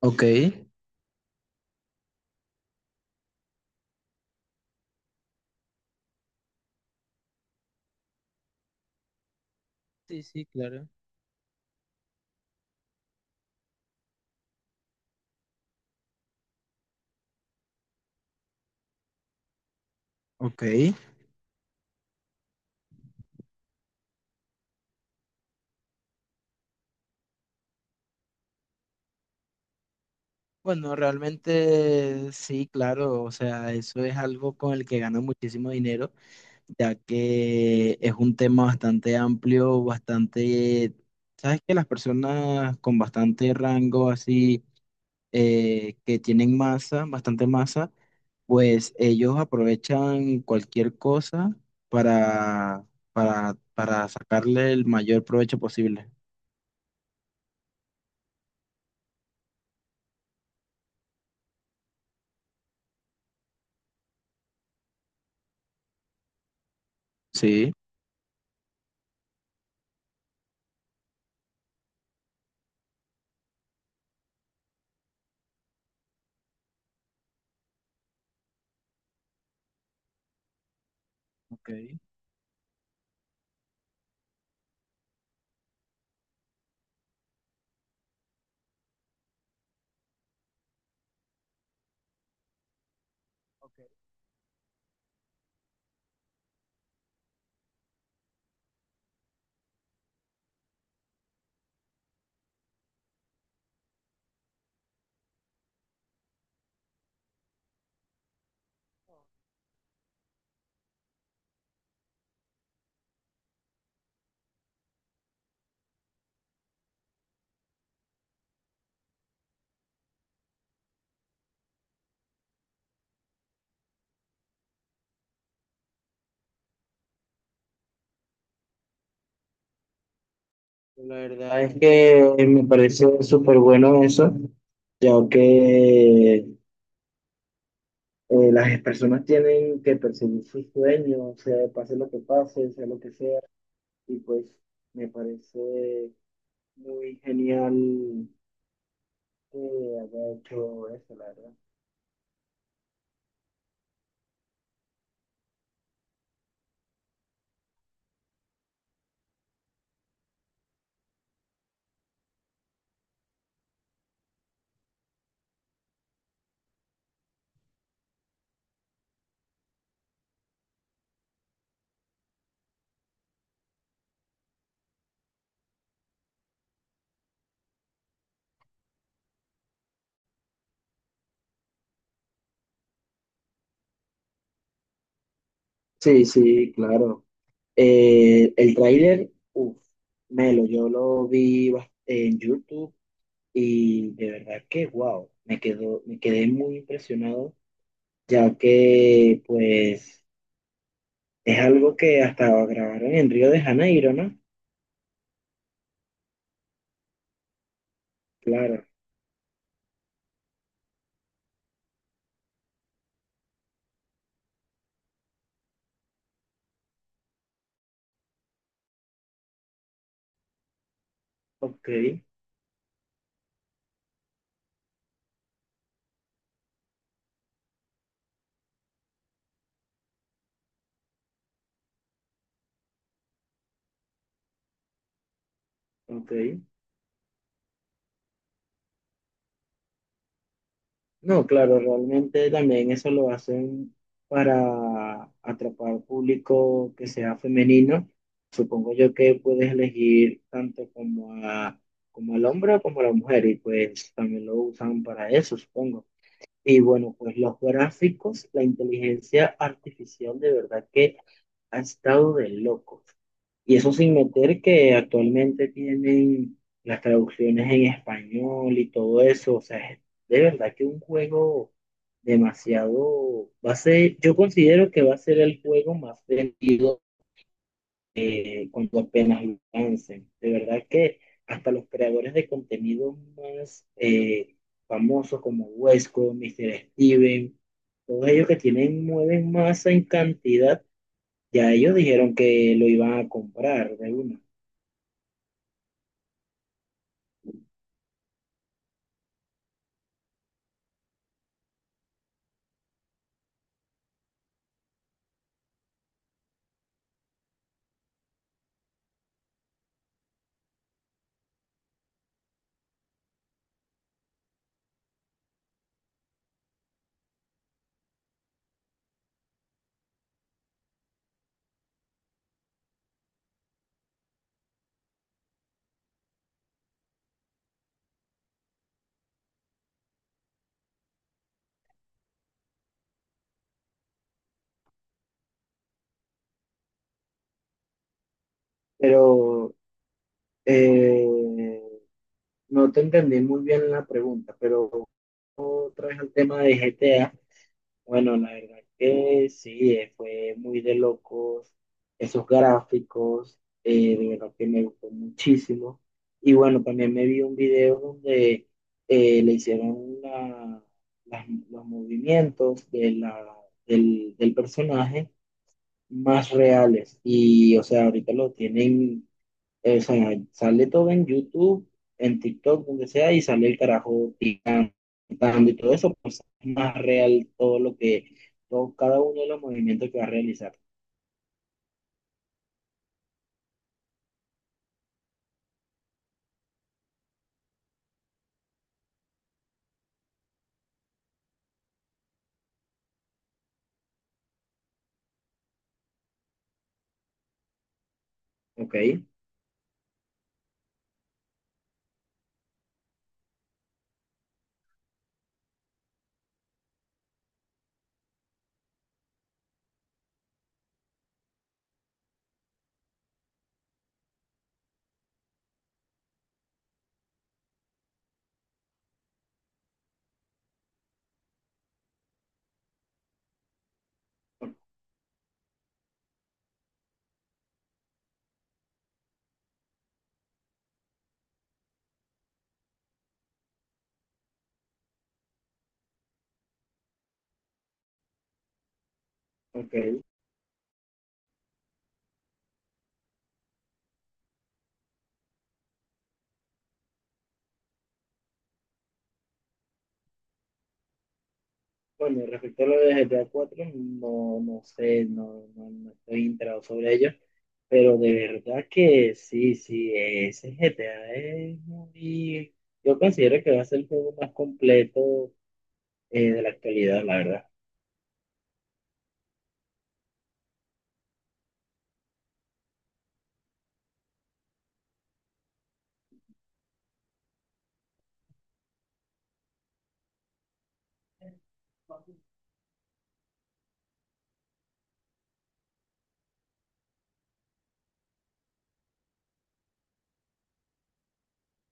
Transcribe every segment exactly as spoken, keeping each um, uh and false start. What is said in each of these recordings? Ok. Sí, sí, claro. Ok. Bueno, realmente sí, claro, o sea, eso es algo con el que gano muchísimo dinero, ya que es un tema bastante amplio, bastante, sabes que las personas con bastante rango así, eh, que tienen masa, bastante masa, pues ellos aprovechan cualquier cosa para, para, para sacarle el mayor provecho posible. Sí. Ok. La verdad es que me parece súper bueno eso, ya que eh, las personas tienen que perseguir sus sueños, sea pase lo que pase, sea lo que sea, y pues me parece muy genial que haya hecho eso, la verdad. Sí, sí, claro. Eh, el tráiler, uff, Melo, yo lo vi bas- en YouTube y de verdad que wow, me quedó, me quedé muy impresionado ya que pues es algo que hasta grabaron en Río de Janeiro, ¿no? Claro, ok, ok. No, claro, realmente también eso lo hacen para atrapar público que sea femenino. Supongo yo que puedes elegir tanto como a, como al hombre como a la mujer y pues también lo usan para eso, supongo. Y bueno, pues los gráficos, la inteligencia artificial de verdad que ha estado de locos. Y eso sin meter que actualmente tienen las traducciones en español y todo eso. O sea, es de verdad que un juego demasiado. Va a ser, yo considero que va a ser el juego más vendido eh, cuando apenas lo lancen. De verdad que hasta los creadores de contenido más eh, famosos como Huesco, Mister Steven, todos ellos que tienen, mueven masa en cantidad, ya ellos dijeron que lo iban a comprar de una. Pero eh, no te entendí muy bien la pregunta, pero otra vez el tema de G T A. Bueno, la verdad que sí, eh, fue muy de locos esos gráficos, eh, de verdad que me gustó muchísimo. Y bueno, también me vi un video donde eh, le hicieron la- las- los movimientos de la, del, del personaje más reales. Y o sea, ahorita lo tienen, eh, o sea, sale todo en YouTube, en TikTok, donde sea, y sale el carajo picando y todo eso, pues es más real todo lo que, todo, cada uno de los movimientos que va a realizar. Ok, ok. Bueno, respecto a lo de G T A cuatro no, no sé, no, no, no estoy enterado sobre ello, pero de verdad que sí, sí, ese G T A es muy, yo considero que va a ser el juego más completo eh, de la actualidad, la verdad.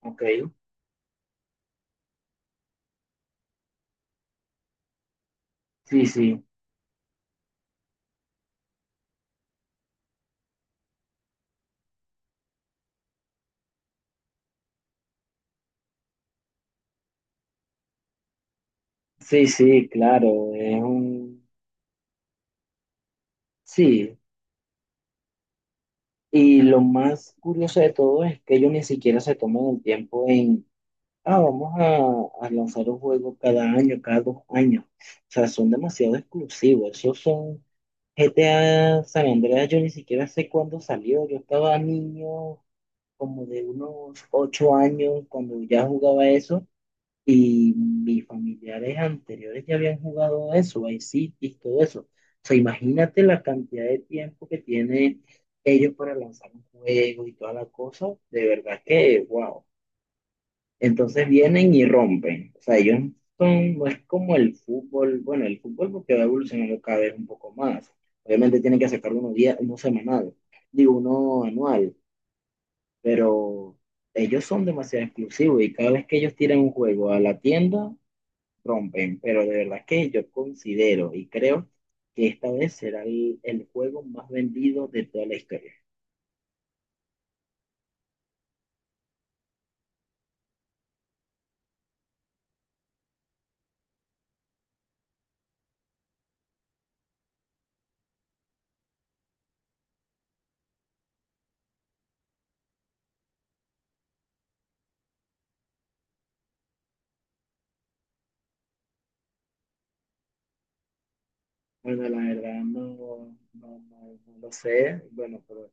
Ok, sí, sí. Sí, sí, claro, es un. Sí, y lo más curioso de todo es que ellos ni siquiera se toman el tiempo en, ah, vamos a, a lanzar un juego cada año, cada dos años. O sea, son demasiado exclusivos. Esos son G T A San Andreas, yo ni siquiera sé cuándo salió. Yo estaba niño, como de unos ocho años, cuando ya jugaba eso. Y mis familiares anteriores ya habían jugado eso, Vice City, todo eso. O sea, imagínate la cantidad de tiempo que tienen ellos para lanzar un juego y toda la cosa. De verdad que, wow. Entonces vienen y rompen. O sea, ellos son, no es como el fútbol. Bueno, el fútbol porque va evolucionando cada vez un poco más. Obviamente tienen que sacar uno, día, uno semanal, digo, uno anual, pero ellos son demasiado exclusivos y cada vez que ellos tiran un juego a la tienda, rompen, pero de verdad que yo considero y creo que esta vez será el, el juego más vendido de toda la historia. Bueno, la verdad no, no, no, no lo sé, bueno, pero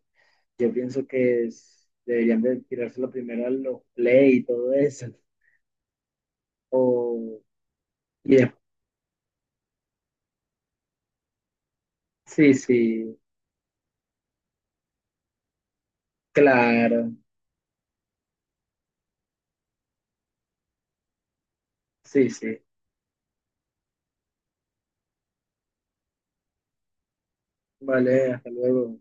yo pienso que es- deberían de tirárselo primero a los play y todo eso. O, y de- Sí, sí, claro, sí, sí. Vale, hasta luego.